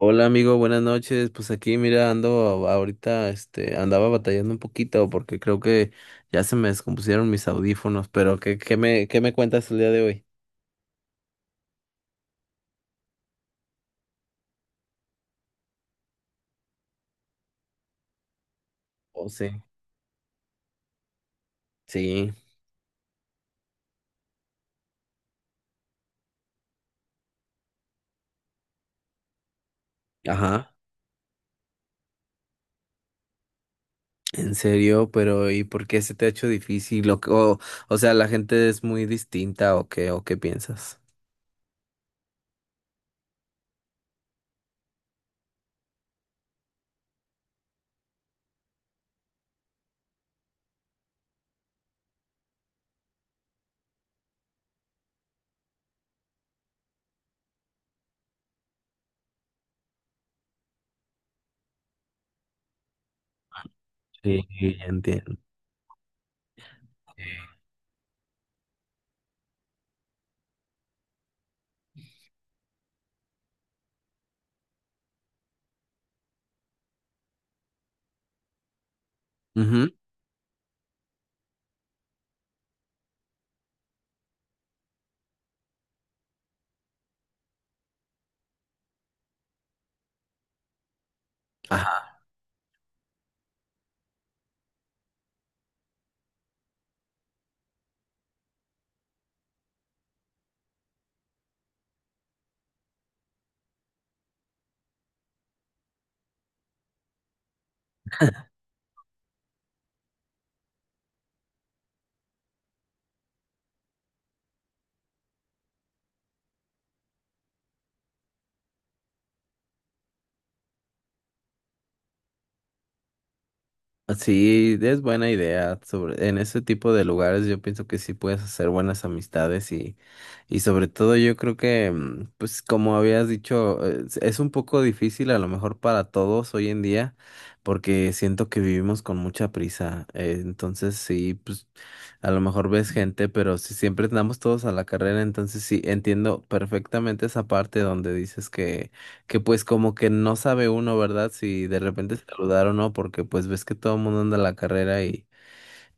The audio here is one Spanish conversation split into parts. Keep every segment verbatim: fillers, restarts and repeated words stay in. Hola amigo, buenas noches. Pues aquí mira, ando ahorita, este, andaba batallando un poquito porque creo que ya se me descompusieron mis audífonos, pero ¿qué, qué me, qué me cuentas el día de hoy? Oh, sí. Sí, ajá. En serio, pero ¿y por qué se te ha hecho difícil? O, o, o sea, ¿la gente es muy distinta o qué, o qué piensas? Sí, entiendo. Ujú. Ajá. Sí, es buena idea. Sobre, en ese tipo de lugares yo pienso que sí puedes hacer buenas amistades. y Y sobre todo yo creo que, mm, pues como habías dicho, eh, es es un poco difícil a lo mejor para todos hoy en día, porque siento que vivimos con mucha prisa. Eh, entonces sí, pues a lo mejor ves gente, pero si siempre andamos todos a la carrera, entonces sí, entiendo perfectamente esa parte donde dices que, que pues como que no sabe uno, ¿verdad? Si de repente saludar o no, porque pues ves que todo el mundo anda a la carrera. Y...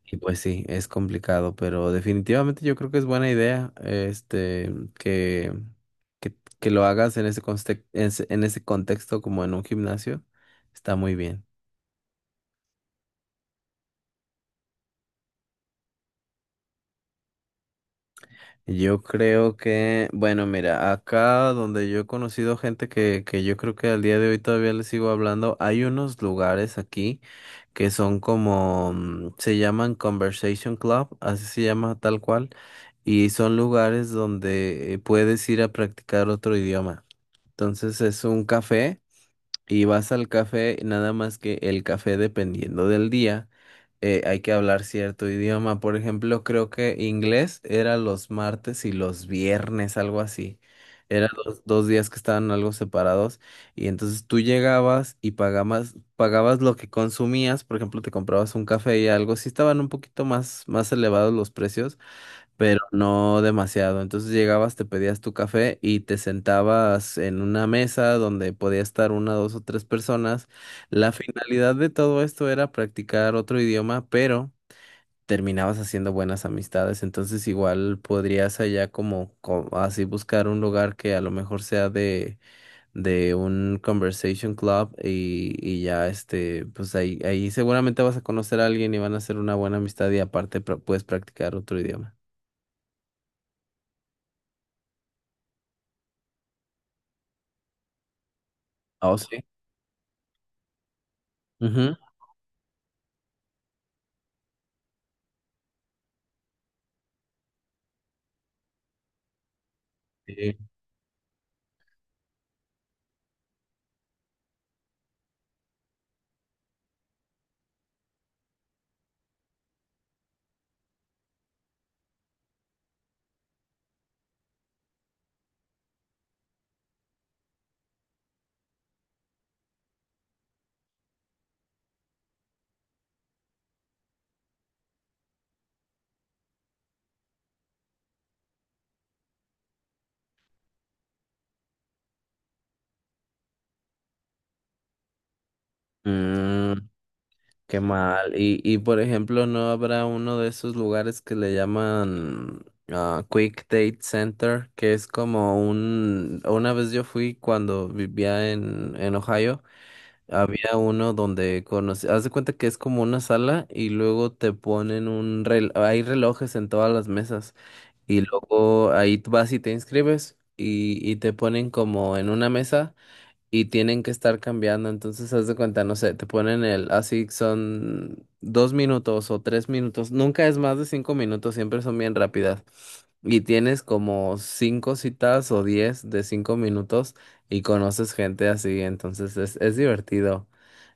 Y pues sí, es complicado, pero definitivamente yo creo que es buena idea, este, que, que, que lo hagas en ese, conste- en ese en ese contexto, como en un gimnasio. Está muy bien. Yo creo que, bueno, mira, acá donde yo he conocido gente que, que yo creo que al día de hoy todavía les sigo hablando, hay unos lugares aquí que son como, mm, se llaman Conversation Club, así se llama tal cual, y son lugares donde eh, puedes ir a practicar otro idioma. Entonces es un café. Y vas al café, nada más que el café, dependiendo del día, eh, hay que hablar cierto idioma. Por ejemplo, creo que inglés era los martes y los viernes, algo así. Eran los dos días que estaban algo separados. Y entonces tú llegabas y pagabas, pagabas lo que consumías. Por ejemplo, te comprabas un café y algo. Sí estaban un poquito más, más elevados los precios, pero no demasiado. Entonces llegabas, te pedías tu café y te sentabas en una mesa donde podía estar una, dos o tres personas. La finalidad de todo esto era practicar otro idioma, pero terminabas haciendo buenas amistades. Entonces igual podrías allá como, co- así, buscar un lugar que a lo mejor sea de, de un conversation club, y, y ya este, pues ahí, ahí seguramente vas a conocer a alguien y van a hacer una buena amistad, y aparte pra- puedes practicar otro idioma. Oh, sí. Ujú. Sí. Mm, qué mal. Y, y por ejemplo, ¿no habrá uno de esos lugares que le llaman ah, Quick Date Center? Que es como un... Una vez yo fui cuando vivía en, en Ohio, había uno donde conocí... Haz de cuenta que es como una sala y luego te ponen un reloj. Hay relojes en todas las mesas y luego ahí tú vas y te inscribes, y, y te ponen como en una mesa. Y tienen que estar cambiando. Entonces, haz de cuenta, no sé, te ponen el, así son dos minutos o tres minutos. Nunca es más de cinco minutos, siempre son bien rápidas. Y tienes como cinco citas o diez de cinco minutos, y conoces gente así. Entonces, es, es divertido.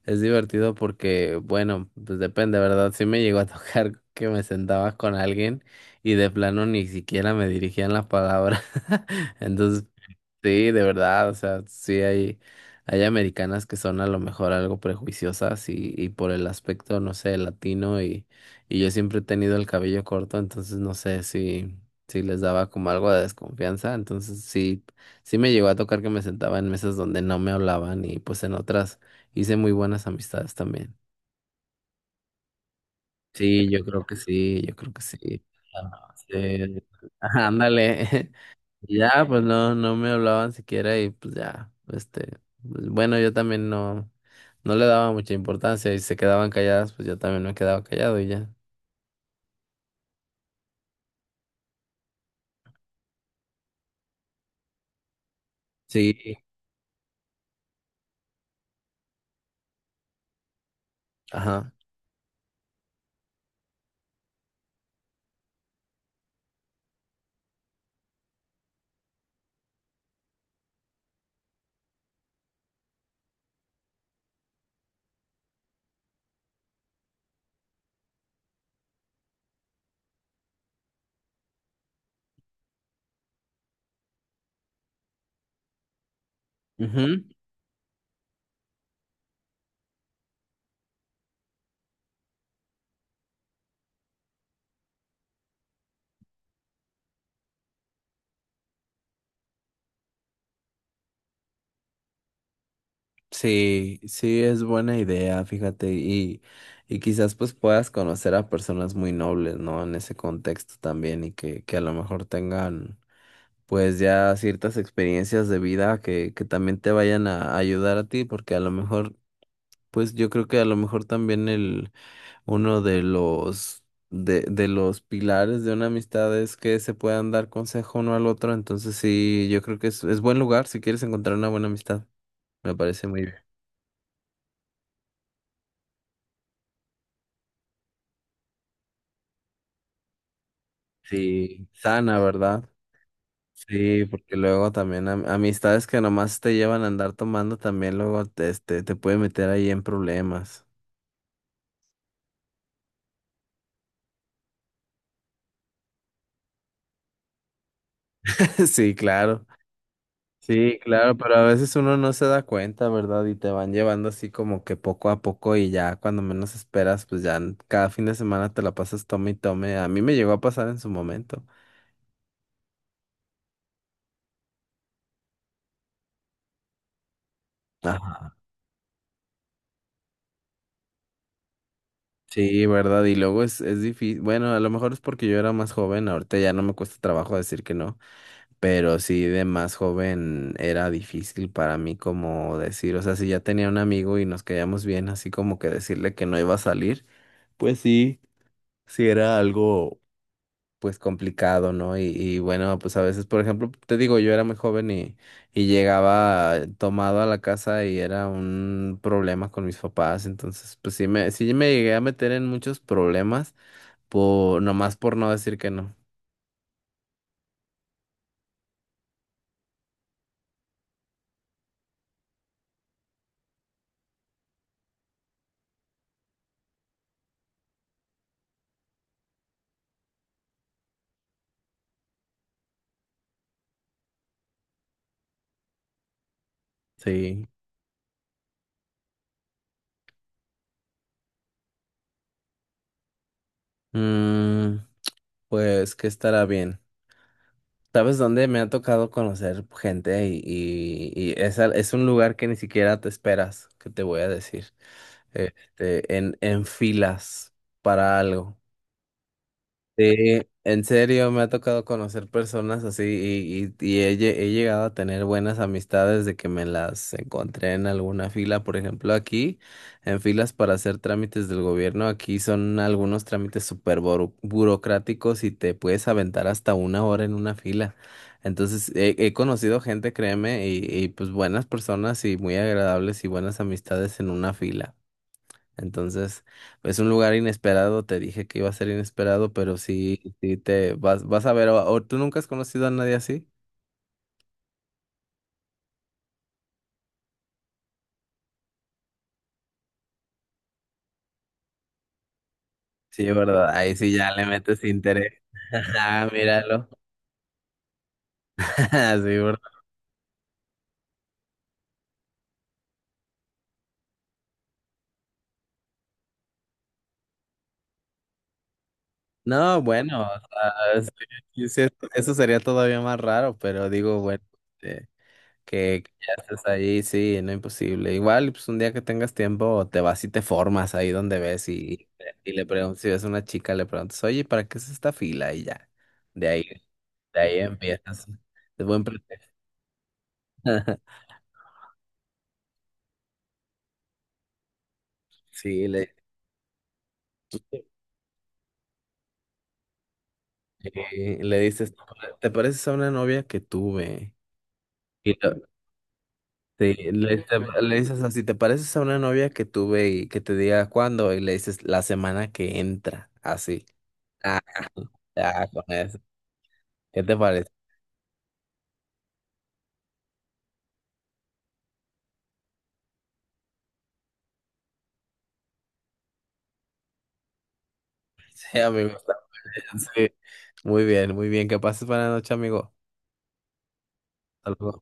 Es divertido porque, bueno, pues depende, ¿verdad? Sí me llegó a tocar que me sentaba con alguien y de plano ni siquiera me dirigían la palabra. Entonces, sí, de verdad, o sea, sí hay, hay americanas que son a lo mejor algo prejuiciosas y, y por el aspecto, no sé, latino, y, y yo siempre he tenido el cabello corto, entonces no sé si, si les daba como algo de desconfianza, entonces sí, sí me llegó a tocar que me sentaba en mesas donde no me hablaban, y pues en otras hice muy buenas amistades también. Sí, yo creo que sí, yo creo que sí. Ah, sí. Ándale. Y ya, pues no, no me hablaban siquiera y pues ya, este, pues, bueno, yo también no, no le daba mucha importancia, y se quedaban calladas, pues yo también me quedaba callado y ya. Sí. Ajá. Ujú. Sí, sí, es buena idea, fíjate, y, y quizás pues puedas conocer a personas muy nobles, ¿no? En ese contexto también, y que, que a lo mejor tengan pues ya ciertas experiencias de vida que, que también te vayan a ayudar a ti, porque a lo mejor, pues yo creo que a lo mejor también el uno de los de, de los pilares de una amistad es que se puedan dar consejo uno al otro. Entonces sí, yo creo que es, es buen lugar si quieres encontrar una buena amistad. Me parece muy bien. Sí, sana, ¿verdad? Sí, porque luego también am- amistades que nomás te llevan a andar tomando, también luego te, este, te puede meter ahí en problemas. Sí, claro. Sí, claro, pero a veces uno no se da cuenta, ¿verdad? Y te van llevando así como que poco a poco, y ya cuando menos esperas, pues ya n- cada fin de semana te la pasas tome y tome. A mí me llegó a pasar en su momento. Ajá. Sí, ¿verdad? Y luego es, es difícil. Bueno, a lo mejor es porque yo era más joven, ahorita ya no me cuesta trabajo decir que no, pero sí, de más joven era difícil para mí como decir, o sea, si ya tenía un amigo y nos caíamos bien, así como que decirle que no iba a salir, pues sí, sí era algo pues complicado, ¿no? Y, y bueno, pues a veces, por ejemplo, te digo, yo era muy joven y, y llegaba tomado a la casa y era un problema con mis papás, entonces pues sí me, sí me llegué a meter en muchos problemas por, nomás por no decir que no. Sí. Mm, pues que estará bien. ¿Sabes dónde me ha tocado conocer gente? Y, y, y es, al- es un lugar que ni siquiera te esperas, que te voy a decir, este, en, en filas para algo. Sí, en serio, me ha tocado conocer personas así, y, y, y he, lle- he llegado a tener buenas amistades de que me las encontré en alguna fila, por ejemplo, aquí, en filas para hacer trámites del gobierno, aquí son algunos trámites súper buro- burocráticos, y te puedes aventar hasta una hora en una fila. Entonces, he, he conocido gente, créeme, y, y pues buenas personas y muy agradables y buenas amistades en una fila. Entonces, es un lugar inesperado, te dije que iba a ser inesperado, pero sí, sí te vas, vas a ver, o, o tú nunca has conocido a nadie así. Sí, ¿verdad? Ahí sí ya le metes interés. Ah, míralo. Sí, ¿verdad? No, bueno, o sea, sí, sí, eso sería todavía más raro, pero digo, bueno, eh, que, que ya estés ahí, sí, no imposible. Igual, pues un día que tengas tiempo, te vas y te formas ahí donde ves, y, y le preguntas, si ves una chica, le preguntas, oye, ¿para qué es esta fila? Y ya. De ahí. De ahí empiezas, ¿no? De buen pretexto. Sí, le, le, le dices, ¿te pareces a una novia que tuve? Y lo- sí, le, te- le dices así, ¿te pareces a una novia que tuve? Y que te diga cuándo, y le dices, la semana que entra, así. Ah, ya, con eso. ¿Qué te parece? Sí, amigo, está muy bien, sí. Muy bien, muy bien. Que pases buena noche, amigo. Saludos.